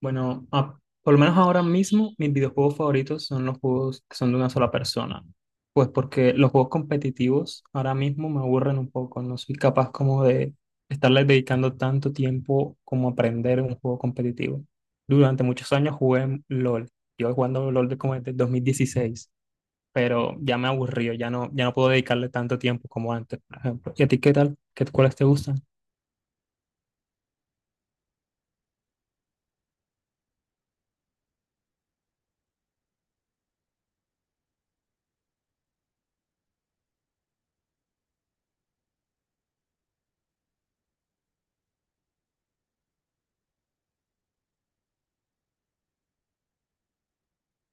Bueno, por lo menos ahora mismo mis videojuegos favoritos son los juegos que son de una sola persona. Pues porque los juegos competitivos ahora mismo me aburren un poco. No soy capaz como de estarles dedicando tanto tiempo como aprender un juego competitivo. Durante muchos años jugué LOL. Yo jugando LOL de como desde 2016, pero ya me aburrió, ya no, ya no puedo dedicarle tanto tiempo como antes, por ejemplo. ¿Y a ti qué tal? ¿Qué, cuáles te gustan?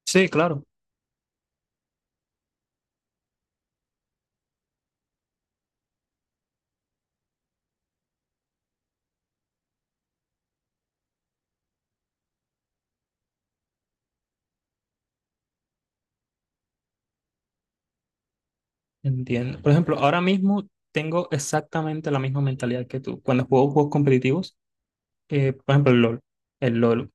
Sí, claro. Entiendo. Por ejemplo, ahora mismo tengo exactamente la misma mentalidad que tú. Cuando juego juegos competitivos, por ejemplo, el LOL. El LOL.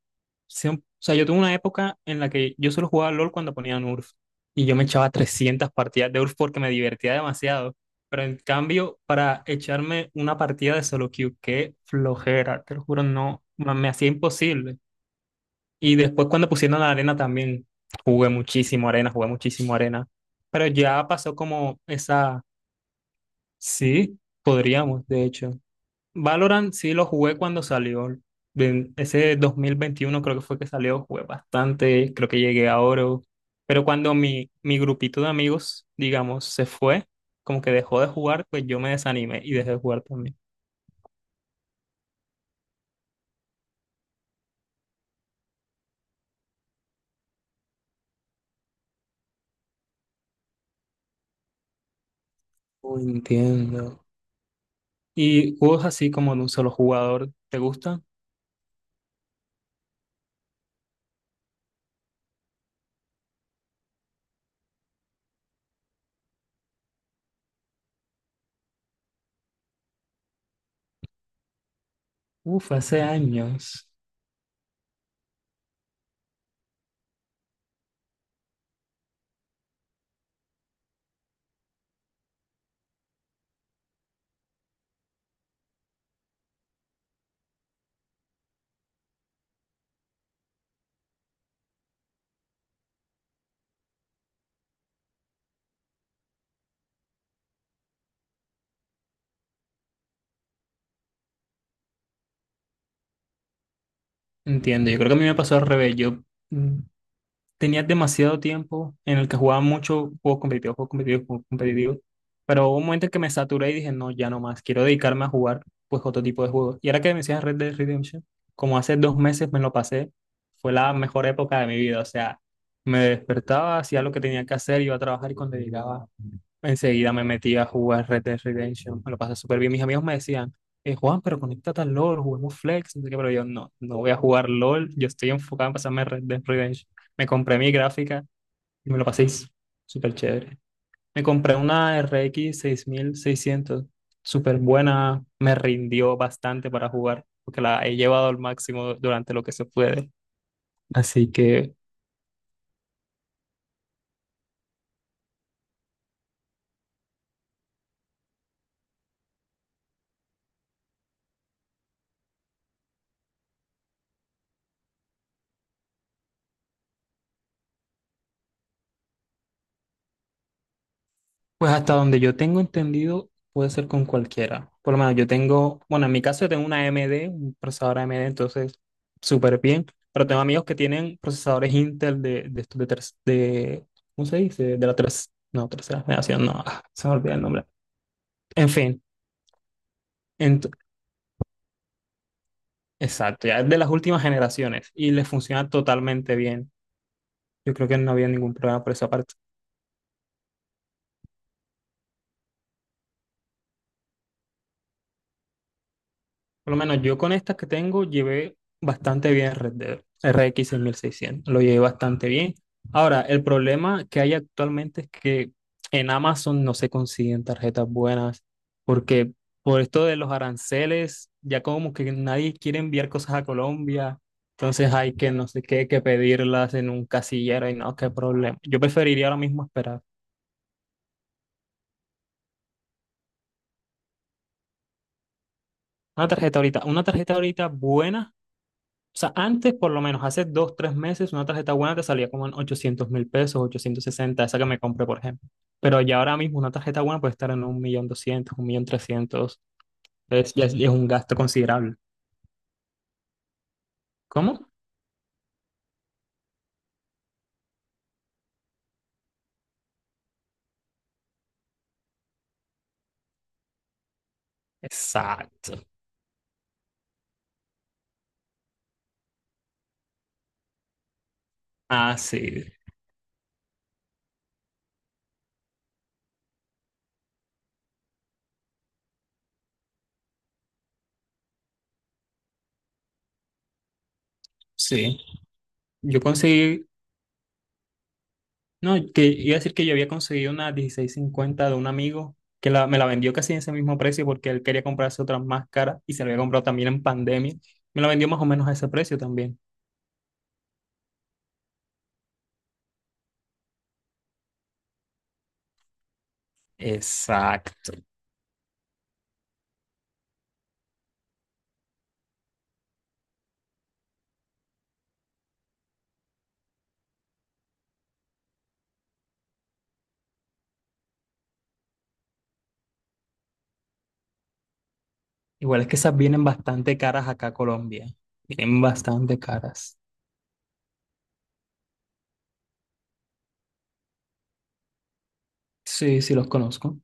O sea, yo tuve una época en la que yo solo jugaba LOL cuando ponían URF. Y yo me echaba 300 partidas de URF porque me divertía demasiado. Pero en cambio, para echarme una partida de solo queue, qué flojera, te lo juro, no, me hacía imposible. Y después cuando pusieron la arena también, jugué muchísimo arena, jugué muchísimo arena. Pero ya pasó como esa. Sí, podríamos, de hecho. Valorant sí lo jugué cuando salió. En ese 2021 creo que fue que salió, jugué bastante, creo que llegué a oro. Pero cuando mi grupito de amigos, digamos, se fue, como que dejó de jugar, pues yo me desanimé y dejé de jugar también. Oh, entiendo. ¿Y juegos así como de un solo jugador, te gustan? Uf, hace años. Entiendo, yo creo que a mí me pasó al revés. Yo mm, tenía demasiado tiempo en el que jugaba mucho juegos competitivos, juegos competitivos, juegos competitivos, pero hubo un momento en que me saturé y dije, no, ya no más, quiero dedicarme a jugar pues otro tipo de juegos. Y ahora que me decías Red Dead Redemption, como hace 2 meses me lo pasé, fue la mejor época de mi vida, o sea, me despertaba, hacía lo que tenía que hacer, iba a trabajar y cuando llegaba, enseguida me metí a jugar Red Dead Redemption. Me lo pasé súper bien. Mis amigos me decían, Juan, pero conéctate al LOL, juguemos Flex. No sé qué, pero yo no, no voy a jugar LOL. Yo estoy enfocado en pasarme Red Dead Redemption. Me compré mi gráfica y me lo pasé súper chévere. Me compré una RX 6600, súper buena. Me rindió bastante para jugar, porque la he llevado al máximo durante lo que se puede. Así que pues hasta donde yo tengo entendido, puede ser con cualquiera. Por lo menos yo tengo, bueno, en mi caso yo tengo una AMD, un procesador AMD, entonces súper bien. Pero tengo amigos que tienen procesadores Intel de estos de, tres, de, ¿cómo se dice? De la tres, no, tercera generación, no, se me olvida el nombre. En fin, ent- exacto, ya es de las últimas generaciones y les funciona totalmente bien. Yo creo que no había ningún problema por esa parte. Por lo menos yo con estas que tengo llevé bastante bien Red Dead, R X 6600 lo llevé bastante bien. Ahora, el problema que hay actualmente es que en Amazon no se consiguen tarjetas buenas porque por esto de los aranceles, ya como que nadie quiere enviar cosas a Colombia, entonces hay que no sé qué, que pedirlas en un casillero y no, qué problema. Yo preferiría ahora mismo esperar una tarjeta ahorita buena. O sea, antes, por lo menos hace 2, 3 meses, una tarjeta buena te salía como en 800.000 pesos, 860, esa que me compré, por ejemplo. Pero ya ahora mismo una tarjeta buena puede estar en 1.200.000, 1.300.000. Es, ya es, ya es un gasto considerable. ¿Cómo? Exacto. Ah, sí. Sí. Yo conseguí, no, que iba a decir que yo había conseguido una 1650 de un amigo que me la vendió casi en ese mismo precio porque él quería comprarse otra más cara y se la había comprado también en pandemia. Me la vendió más o menos a ese precio también. Exacto. Igual es que esas vienen bastante caras acá a Colombia. Vienen bastante caras. Sí, sí los conozco.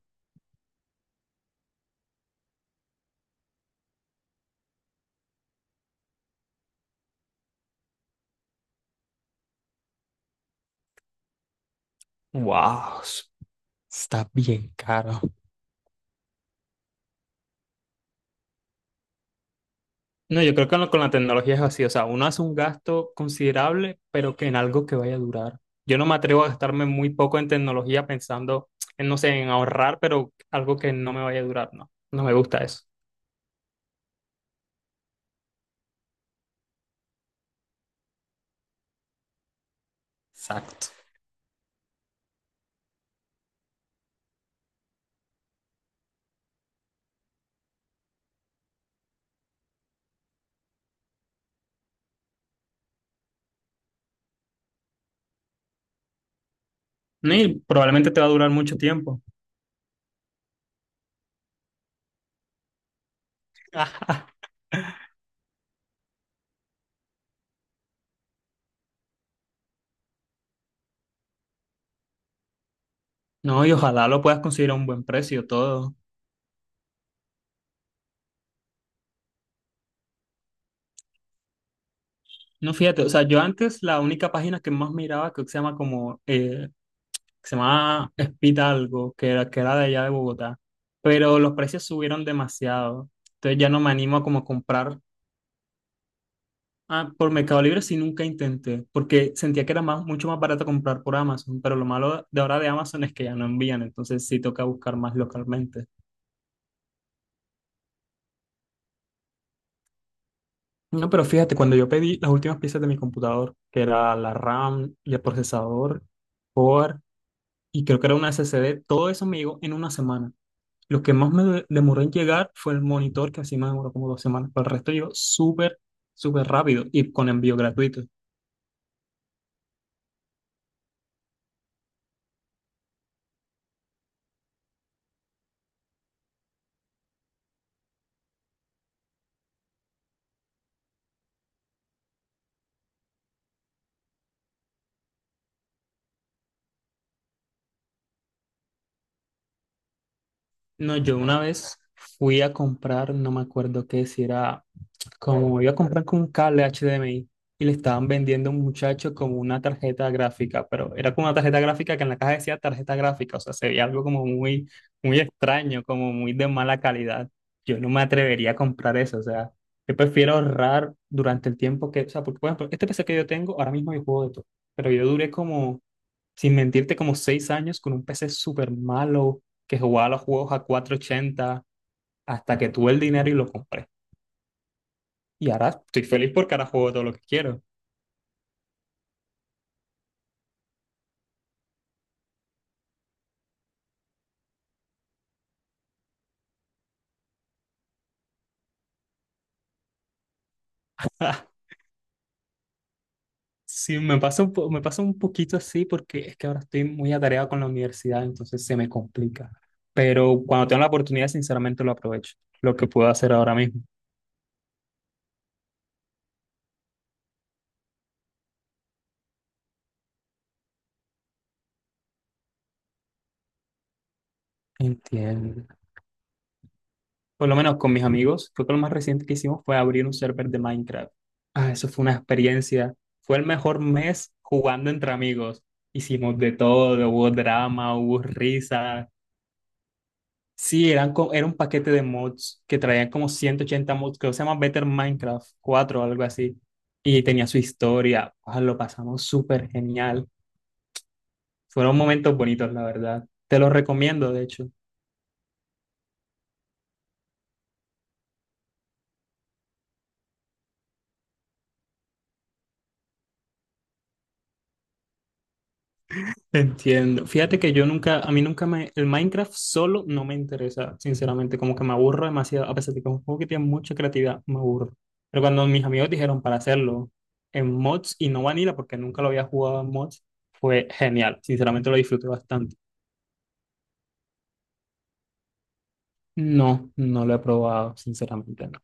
Wow, está bien caro. No, yo creo que con la tecnología es así. O sea, uno hace un gasto considerable, pero que en algo que vaya a durar. Yo no me atrevo a gastarme muy poco en tecnología pensando en, no sé, en ahorrar, pero algo que no me vaya a durar. No, no me gusta eso. Exacto. No, y probablemente te va a durar mucho tiempo. No, y ojalá lo puedas conseguir a un buen precio todo. No, fíjate, o sea, yo antes la única página que más miraba creo que se llama como, que se llamaba Espita algo, que era de allá de Bogotá, pero los precios subieron demasiado, entonces ya no me animo a como comprar. Ah, por Mercado Libre si nunca intenté, porque sentía que era más, mucho más barato comprar por Amazon, pero lo malo de ahora de Amazon es que ya no envían, entonces sí toca buscar más localmente. No, pero fíjate, cuando yo pedí las últimas piezas de mi computador, que era la RAM y el procesador, y creo que era una SSD, todo eso me llegó en 1 semana. Lo que más demoró en llegar fue el monitor, que así me demoró como 2 semanas, pero el resto llegó súper, súper rápido y con envío gratuito. No, yo una vez fui a comprar, no me acuerdo qué, si era como iba a comprar con un cable HDMI y le estaban vendiendo a un muchacho como una tarjeta gráfica, pero era como una tarjeta gráfica que en la caja decía tarjeta gráfica, o sea, se veía algo como muy, muy extraño, como muy de mala calidad. Yo no me atrevería a comprar eso, o sea, yo prefiero ahorrar durante el tiempo que, o sea, porque por ejemplo, este PC que yo tengo, ahora mismo yo juego de todo, pero yo duré como, sin mentirte, como 6 años con un PC súper malo que jugaba los juegos a 480 hasta que tuve el dinero y lo compré. Y ahora estoy feliz porque ahora juego todo lo que quiero. Sí, me pasa un poquito así porque es que ahora estoy muy atareado con la universidad, entonces se me complica. Pero cuando tengo la oportunidad, sinceramente lo aprovecho, lo que puedo hacer ahora mismo. Entiendo. Por lo menos con mis amigos, creo que lo más reciente que hicimos fue abrir un server de Minecraft. Ah, eso fue una experiencia. Fue el mejor mes jugando entre amigos. Hicimos de todo, hubo drama, hubo risas. Sí, era un paquete de mods que traían como 180 mods, creo que se llama Better Minecraft 4 o algo así. Y tenía su historia. Ah, lo pasamos súper genial. Fueron momentos bonitos, la verdad. Te los recomiendo, de hecho. Entiendo. Fíjate que yo nunca, a mí nunca me, el Minecraft solo no me interesa, sinceramente, como que me aburro demasiado, a pesar de que es un juego que tiene mucha creatividad, me aburro. Pero cuando mis amigos dijeron para hacerlo en mods y no vanilla, porque nunca lo había jugado en mods, fue genial, sinceramente lo disfruté bastante. No, no lo he probado, sinceramente no.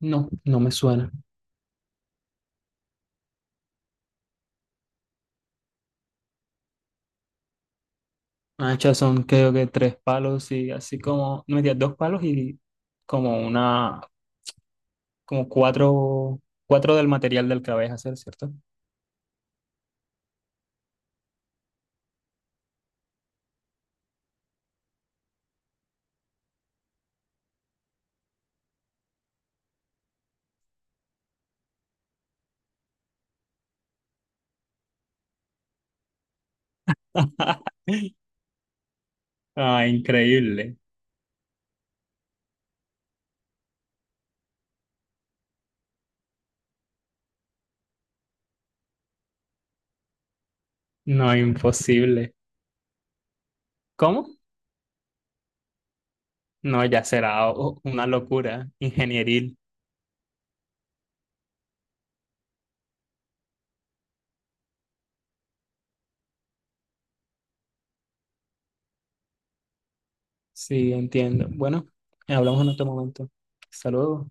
No, no me suena. Anchas son creo que tres palos y así como, no me digas, dos palos y como una, como cuatro, cuatro del material del que vais a hacer, ¿cierto? Ah, increíble. No, imposible. ¿Cómo? No, ya será una locura ingenieril. Sí, entiendo. Bueno, hablamos en otro momento. Hasta luego.